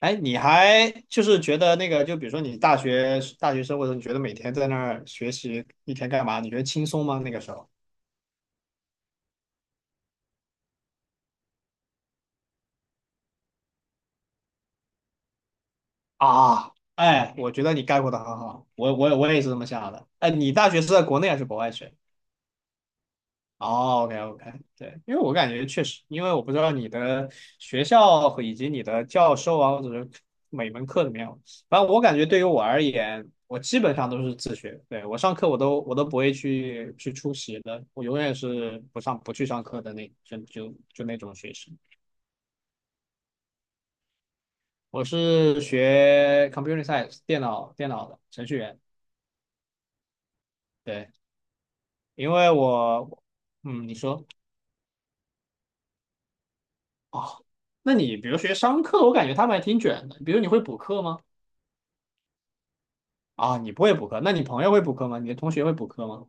哎，你还就是觉得那个，就比如说你大学生活的时候你觉得每天在那儿学习一天干嘛？你觉得轻松吗？那个时候啊。哎，我觉得你概括的很好，我也是这么想的。哎，你大学是在国内还是国外学？哦，OK OK，对，因为我感觉确实，因为我不知道你的学校和以及你的教授啊，或者是每门课怎么样。反正我感觉对于我而言，我基本上都是自学，对，我上课我都不会去出席的，我永远是不上不去上课的那就那种学生。我是学 computer science 电脑的程序员，对，因为我你说。哦，那你比如学商课，我感觉他们还挺卷的，比如你会补课吗？啊，你不会补课，那你朋友会补课吗？你的同学会补课吗？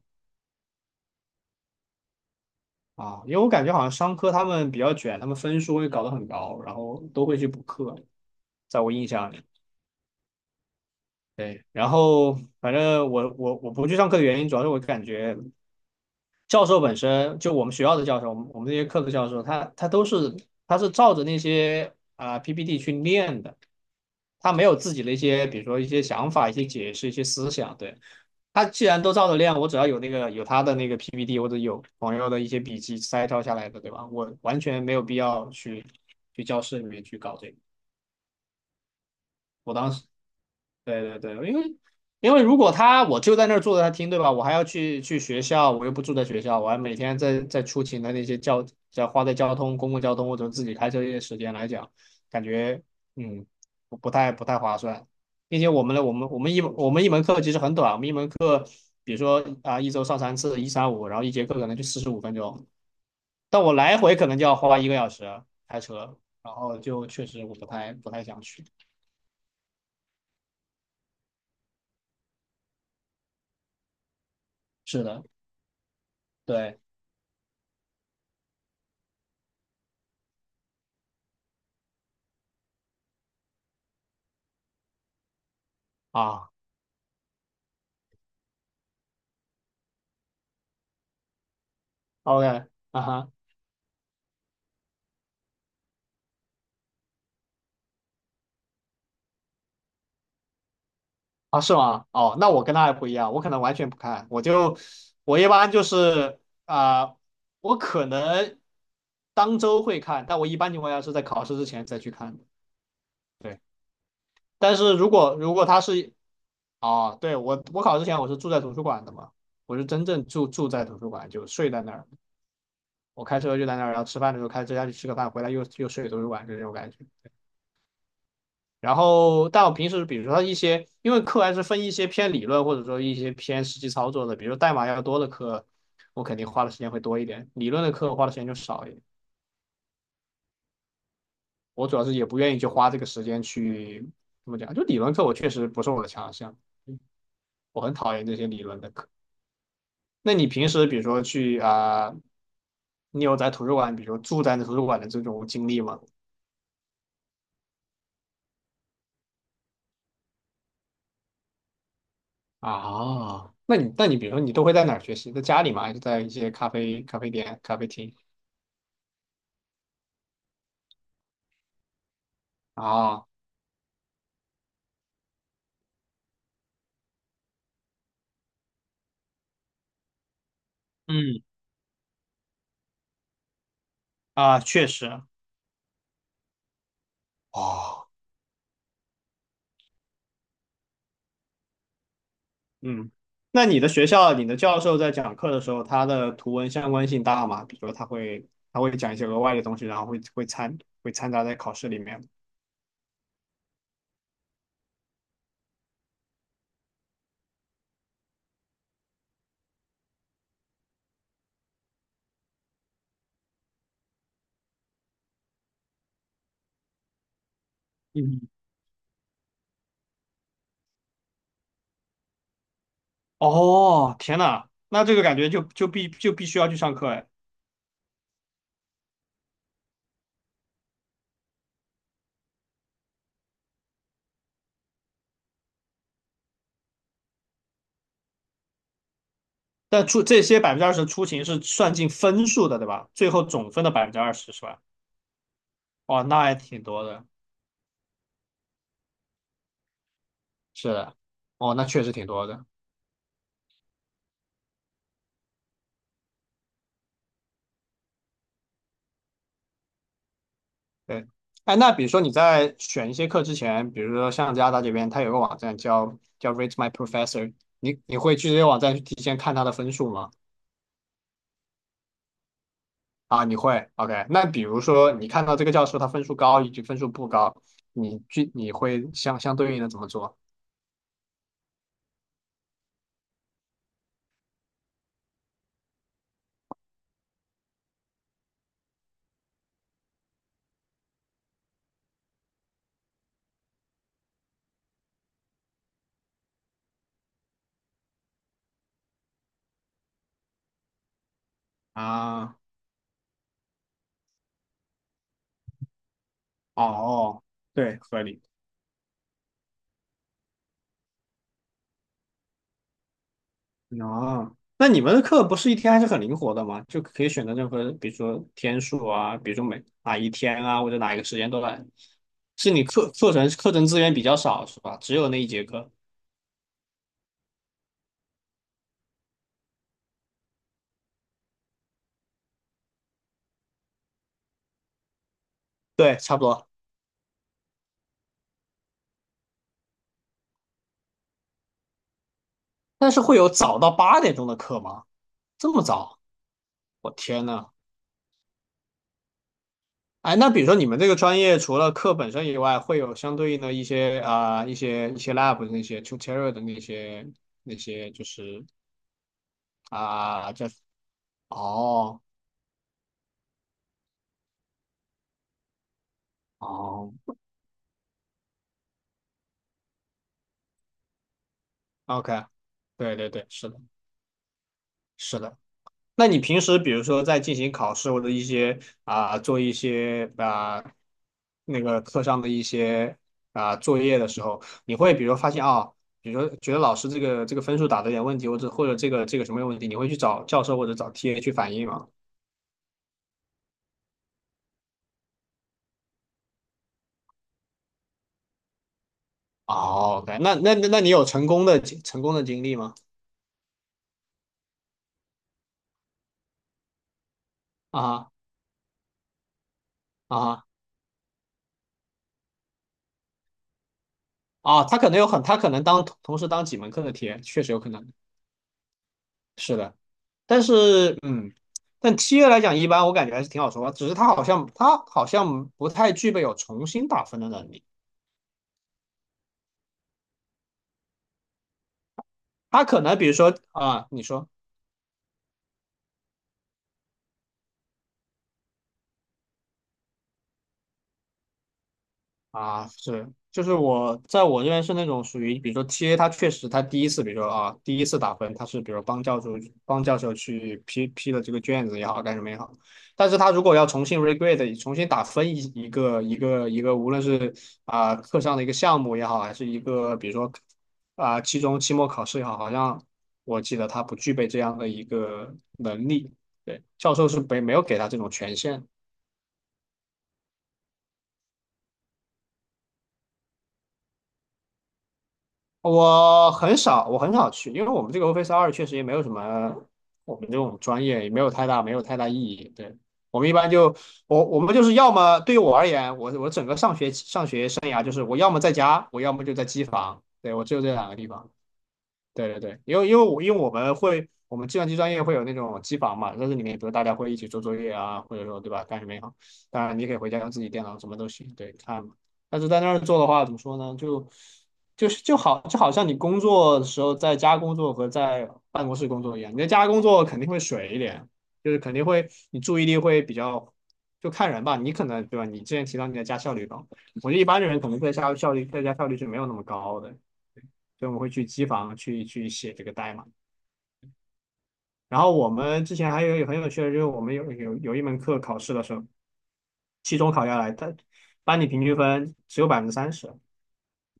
啊，因为我感觉好像商科他们比较卷，他们分数会搞得很高，然后都会去补课，在我印象里。对，然后反正我不去上课的原因，主要是我感觉教授本身就我们学校的教授，我们这些课的教授，他是照着那些啊、PPT 去练的，他没有自己的一些，比如说一些想法、一些解释、一些思想。对，他既然都照着练，我只要有那个有他的那个 PPT 或者有朋友的一些笔记摘抄下来的，对吧？我完全没有必要去去教室里面去搞这个。我当时对对对，因为因为如果他我就在那儿坐着他听，对吧？我还要去学校，我又不住在学校，我还每天在出勤的那些交要花在交通、公共交通或者自己开车这些时间来讲，感觉嗯不太划算，并且我们的我们我们一我们一门课其实很短，我们一门课比如说啊一周上三次，一三五，然后一节课可能就45分钟，但我来回可能就要花1个小时开车，然后就确实我不太想去。是的，对。啊，OK,啊哈。啊是吗？哦，那我跟他还不一样，我可能完全不看，我就我一般就是啊、我可能当周会看，但我一般情况下是在考试之前再去看的。对，但是如果如果他是。哦，对我考之前我是住在图书馆的嘛，我是真正住在图书馆，就睡在那儿，我开车就在那儿，然后吃饭的时候开车下去吃个饭，回来又睡图书馆，就这种感觉。然后，但我平时比如说一些，因为课还是分一些偏理论或者说一些偏实际操作的，比如代码要多的课，我肯定花的时间会多一点；理论的课花的时间就少一点。我主要是也不愿意去花这个时间去怎么讲，就理论课我确实不是我的强项。嗯我很讨厌这些理论的课。那你平时比如说去你有在图书馆，比如说住在图书馆的这种经历吗？啊。那你比如说你都会在哪儿学习？在家里吗？还是在一些咖啡店、咖啡厅？啊，嗯啊，确实，哦，嗯。那你的学校，你的教授在讲课的时候，他的图文相关性大吗？比如说他会讲一些额外的东西，然后会掺杂在考试里面。嗯，哦，天呐，那这个感觉就必须要去上课哎。但出这些百分之二十出勤是算进分数的，对吧？最后总分的百分之二十是吧？哦，那还挺多的。是的，哦，那确实挺多的。对。哎，那比如说你在选一些课之前，比如说像加拿大这边，它有个网站叫 Rate My Professor,你会去这些网站去提前看他的分数吗？啊，你会，OK。那比如说你看到这个教授他分数高以及分数不高，你去你会相对应的怎么做？啊，哦，对，合理。啊，那你们的课不是一天还是很灵活的吗？就可以选择任何，比如说天数啊，比如说每哪一天啊，或者哪一个时间段。是你课程资源比较少是吧？只有那一节课。对，差不多。但是会有早到8点钟的课吗？这么早？我天呐！哎，那比如说你们这个专业除了课本身以外，会有相对应的一些啊、一些 lab 的那些 tutorial 的那些那些就是啊、叫。哦哦，OK,对对对，是的，是的。那你平时比如说在进行考试或者一些啊、做一些啊、那个课上的一些啊、作业的时候，你会比如发现啊、比如说觉得老师这个这个分数打的有点问题，或者或者这个这个什么有问题，你会去找教授或者找 TA 去反映吗？哦，OK,那那你有成功的经历吗？啊！啊！啊！他可能有很，他可能当同时当几门课的 TA,确实有可能。是的。但是嗯，但七月来讲，一般我感觉还是挺好说话。只是他好像不太具备有重新打分的能力。他可能比如说啊，你说。啊，是，就是我这边是那种属于，比如说 TA,他确实他第一次，比如说啊，第一次打分，他是比如说帮教授去批了这个卷子也好，干什么也好，但是他如果要重新 regrade,重新打分一个，无论是啊课上的一个项目也好，还是一个比如说啊期中期末考试也好，好像我记得他不具备这样的一个能力，对，教授是没有给他这种权限。我很少，我很少去，因为我们这个 Office 二确实也没有什么，我们这种专业也没有太大，没有太大意义。对，我们一般就我们就是要么对于我而言，我整个上学生涯就是我要么在家，我要么就在机房，对，我只有这两个地方。对对对，因为因为我们会，我们计算机专业会有那种机房嘛，在这里面，比如大家会一起做作业啊，或者说对吧，干什么也好。当然，你可以回家用自己电脑，什么都行，对，看嘛。但是在那儿做的话，怎么说呢？就好像你工作的时候在家工作和在办公室工作一样，你在家工作肯定会水一点，就是肯定会你注意力会比较，就看人吧。你可能对吧？你之前提到你在家效率高，我觉得一般的人可能在家效率是没有那么高的。所以我们会去机房去写这个代码。然后我们之前还有很有趣的，就是我们有一门课考试的时候，期中考下来，他班里平均分只有百分之三十，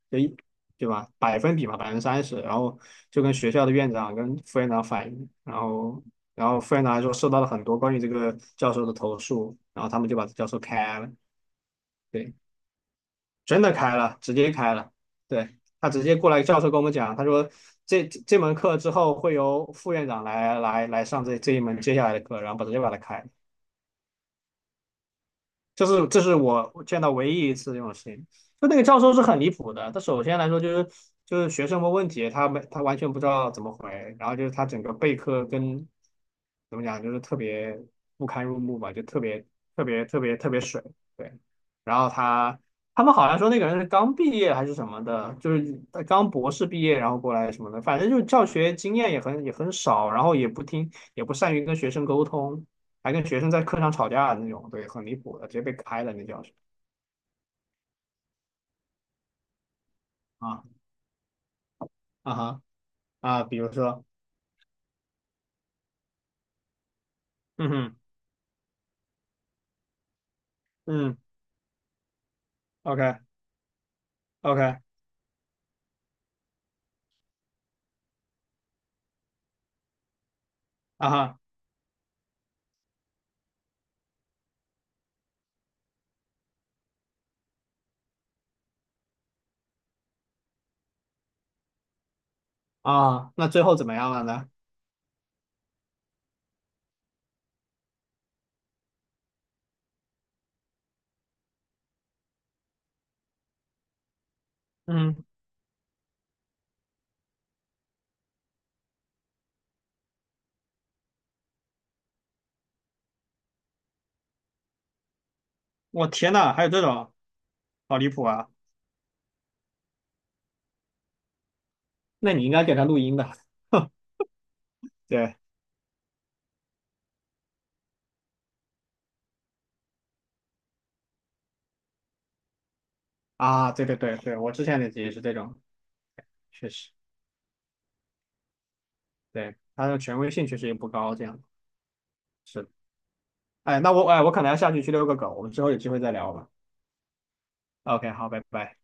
就一对吧？百分比嘛，百分之三十。然后就跟学校的院长跟副院长反映，然后副院长还说收到了很多关于这个教授的投诉，然后他们就把教授开了。对，真的开了，直接开了。对，他直接过来，教授跟我们讲，他说这门课之后会由副院长来上这一门接下来的课，然后把直接把它开了。这是我见到唯一一次这种事情。就那个教授是很离谱的，他首先来说就是学生问问题，他完全不知道怎么回，然后就是他整个备课跟怎么讲，就是特别不堪入目吧，就特别特别特别特别水。对，然后他他们好像说那个人是刚毕业还是什么的，就是他刚博士毕业然后过来什么的，反正就是教学经验也很少，然后也不听也不善于跟学生沟通。还跟学生在课上吵架的那种，对，很离谱的，直接被开了那教室。啊。啊哈。啊，比如说。嗯哼。嗯，OK OK。 啊哈。啊，那最后怎么样了呢？嗯，我天呐，还有这种，好离谱啊！那你应该给他录音的。对啊，对对对对，我之前的也是这种，确实，对，他的权威性确实也不高，这样是的。哎，那我哎，我可能要下去去遛个狗，我们之后有机会再聊吧。OK,好，拜拜。